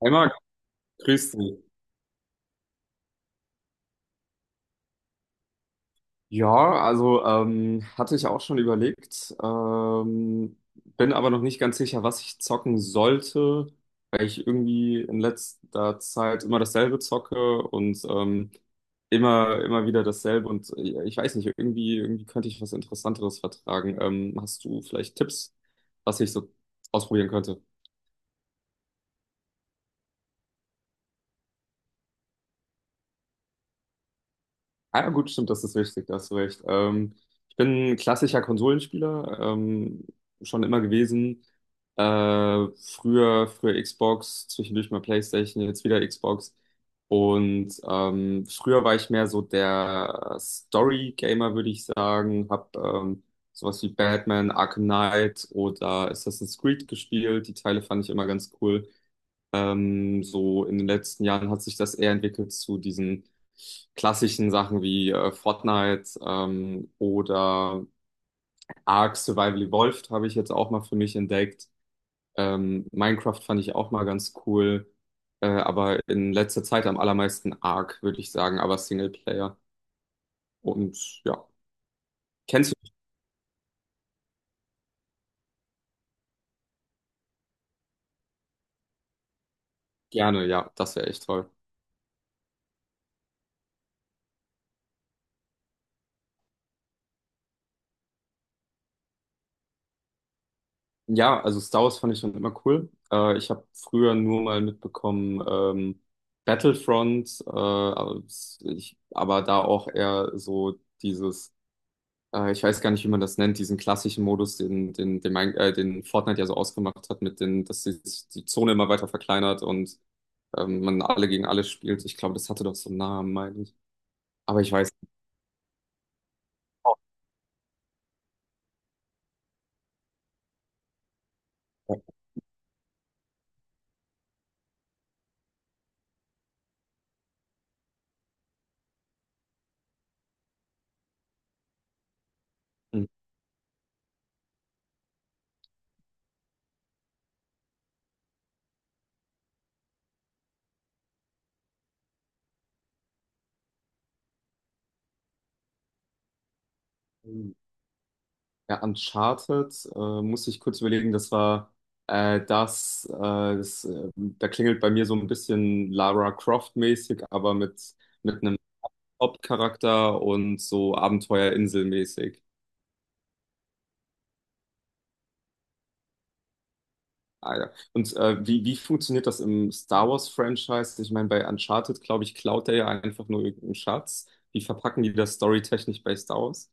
Hey Marc, grüß dich. Ja, also hatte ich auch schon überlegt, bin aber noch nicht ganz sicher, was ich zocken sollte, weil ich irgendwie in letzter Zeit immer dasselbe zocke und immer wieder dasselbe und ich weiß nicht, irgendwie könnte ich was Interessanteres vertragen. Hast du vielleicht Tipps, was ich so ausprobieren könnte? Ah, ja, gut, stimmt, das ist wichtig, da hast du recht. Ich bin ein klassischer Konsolenspieler, schon immer gewesen. Früher Xbox, zwischendurch mal PlayStation, jetzt wieder Xbox. Und früher war ich mehr so der Story-Gamer, würde ich sagen. Hab sowas wie Batman, Arkham Knight oder Assassin's Creed gespielt. Die Teile fand ich immer ganz cool. So in den letzten Jahren hat sich das eher entwickelt zu diesen klassischen Sachen wie Fortnite oder Ark Survival Evolved habe ich jetzt auch mal für mich entdeckt. Minecraft fand ich auch mal ganz cool, aber in letzter Zeit am allermeisten Ark, würde ich sagen, aber Singleplayer. Und ja, kennst du mich gerne? Ja, das wäre echt toll. Ja, also Star Wars fand ich schon immer cool. Ich habe früher nur mal mitbekommen, Battlefront, aber da auch eher so dieses, ich weiß gar nicht, wie man das nennt, diesen klassischen Modus, den Fortnite ja so ausgemacht hat, mit dass die Zone immer weiter verkleinert und man alle gegen alle spielt. Ich glaube, das hatte doch so einen Namen, meine ich. Aber ich weiß. Ja. Hm. Ja, Uncharted, muss ich kurz überlegen, das war das, das da klingelt bei mir so ein bisschen Lara Croft-mäßig, aber mit einem Hauptcharakter und so Abenteuerinsel-mäßig. Ah, ja. Und wie funktioniert das im Star Wars-Franchise? Ich meine, bei Uncharted, glaube ich, klaut er ja einfach nur irgendeinen Schatz. Wie verpacken die das storytechnisch bei Star Wars?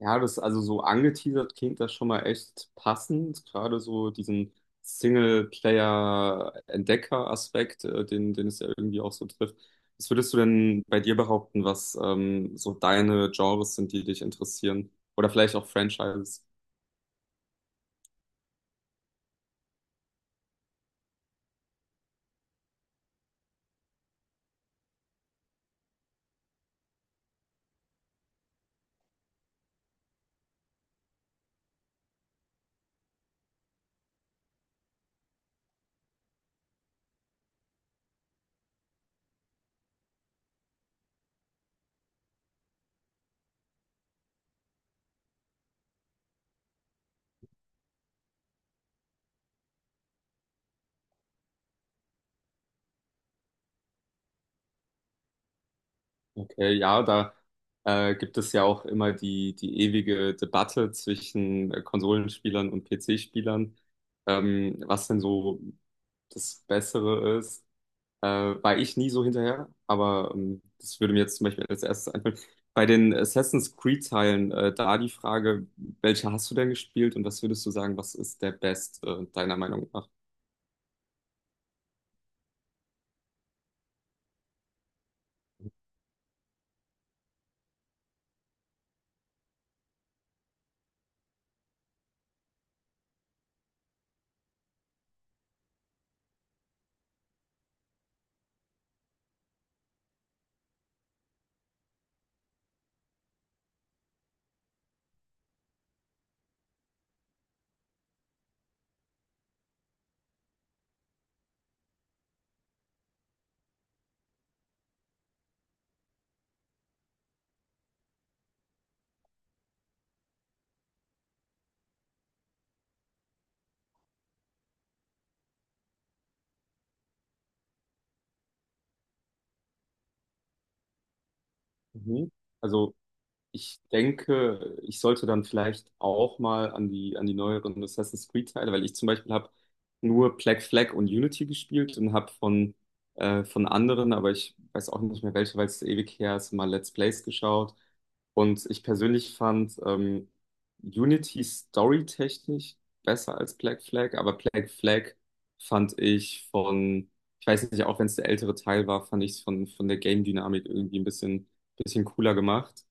Ja, das also so angeteasert klingt das schon mal echt passend, gerade so diesen Singleplayer-Entdecker-Aspekt, den es ja irgendwie auch so trifft. Was würdest du denn bei dir behaupten, was so deine Genres sind, die dich interessieren? Oder vielleicht auch Franchises? Okay, ja, da gibt es ja auch immer die ewige Debatte zwischen Konsolenspielern und PC-Spielern, was denn so das Bessere ist. War ich nie so hinterher, aber das würde mir jetzt zum Beispiel als erstes einfallen. Bei den Assassin's Creed-Teilen, da die Frage, welche hast du denn gespielt und was würdest du sagen, was ist der deiner Meinung nach? Mhm. Also ich denke, ich sollte dann vielleicht auch mal an die neueren Assassin's Creed-Teile, weil ich zum Beispiel habe nur Black Flag und Unity gespielt und habe von anderen, aber ich weiß auch nicht mehr welche, weil es ewig her ist, mal Let's Plays geschaut. Und ich persönlich fand Unity storytechnisch besser als Black Flag, aber Black Flag fand ich ich weiß nicht, auch wenn es der ältere Teil war, fand ich es von der Game-Dynamik irgendwie ein bisschen cooler gemacht.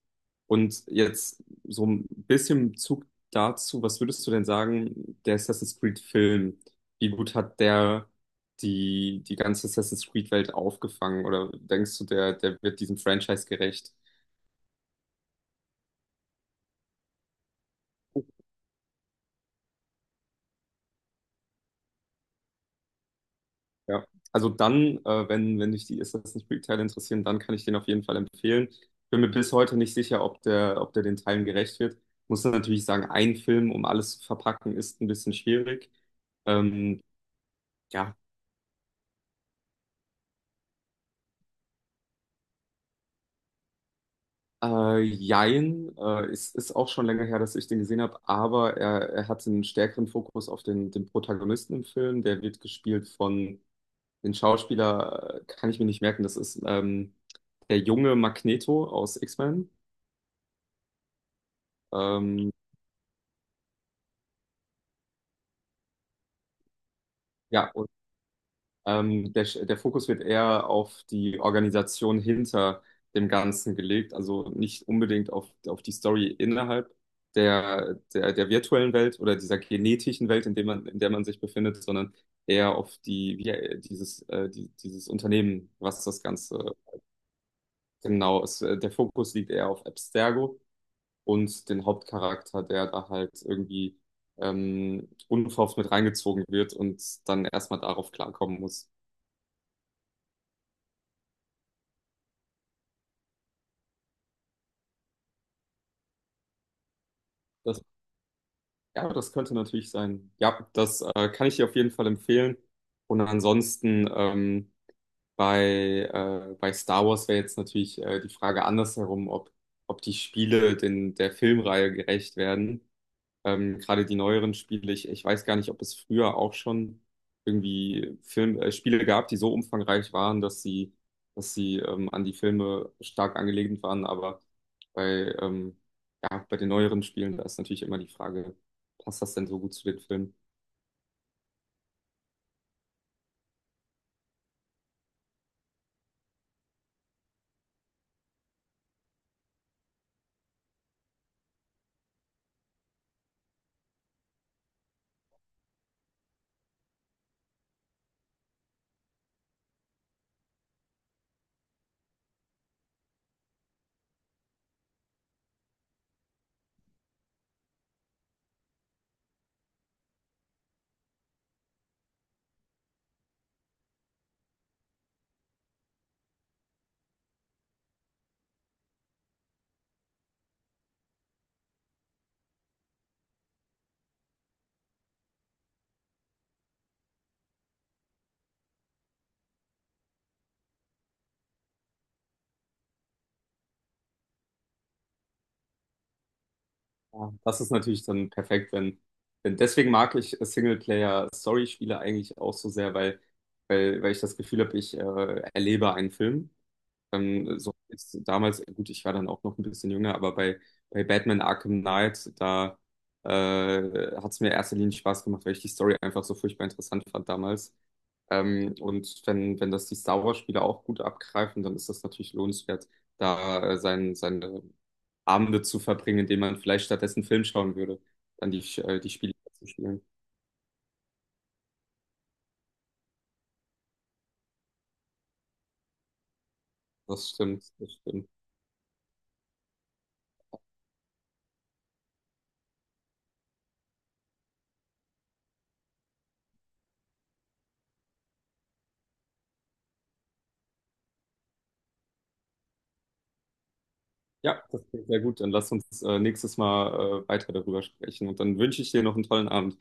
Und jetzt so ein bisschen Bezug dazu, was würdest du denn sagen, der Assassin's Creed-Film, wie gut hat der die ganze Assassin's Creed-Welt aufgefangen? Oder denkst du, der wird diesem Franchise gerecht? Ja. Also dann, wenn dich die Assassin's Creed-Teile interessieren, dann kann ich den auf jeden Fall empfehlen. Bin mir bis heute nicht sicher, ob der den Teilen gerecht wird. Muss dann natürlich sagen, ein Film, um alles zu verpacken, ist ein bisschen schwierig. Ähm, ja, jein, es ist auch schon länger her, dass ich den gesehen habe, aber er hat einen stärkeren Fokus auf den Protagonisten im Film. Der wird gespielt von den Schauspieler, kann ich mir nicht merken, das ist der junge Magneto aus X-Men. Ähm, ja, der Fokus wird eher auf die Organisation hinter dem Ganzen gelegt, also nicht unbedingt auf die Story innerhalb der virtuellen Welt oder dieser genetischen Welt, in in der man sich befindet, sondern eher auf dieses Unternehmen, was das Ganze genau ist. Der Fokus liegt eher auf Abstergo und den Hauptcharakter, der da halt irgendwie unverhofft mit reingezogen wird und dann erstmal darauf klarkommen muss. Das Ja, das könnte natürlich sein. Ja, das kann ich dir auf jeden Fall empfehlen. Und ansonsten bei Star Wars wäre jetzt natürlich die Frage andersherum, ob, ob die Spiele den, der Filmreihe gerecht werden. Gerade die neueren Spiele, ich weiß gar nicht, ob es früher auch schon irgendwie Spiele gab, die so umfangreich waren, dass sie an die Filme stark angelehnt waren. Aber bei, ähm, ja, bei den neueren Spielen, da ist natürlich immer die Frage, passt das denn so gut zu den Filmen? Ja, das ist natürlich dann perfekt, wenn, denn deswegen mag ich Singleplayer-Story-Spiele eigentlich auch so sehr, weil ich das Gefühl habe, ich erlebe einen Film. So ist damals, gut, ich war dann auch noch ein bisschen jünger, aber bei Batman Arkham Knight, da äh, hat es mir in erster Linie Spaß gemacht, weil ich die Story einfach so furchtbar interessant fand damals. Und wenn das die Star Wars-Spiele auch gut abgreifen, dann ist das natürlich lohnenswert, da seine Abende zu verbringen, indem man vielleicht stattdessen einen Film schauen würde, dann die Spiele zu spielen. Das stimmt, das stimmt. Ja, das klingt sehr gut. Dann lass uns nächstes Mal weiter darüber sprechen und dann wünsche ich dir noch einen tollen Abend.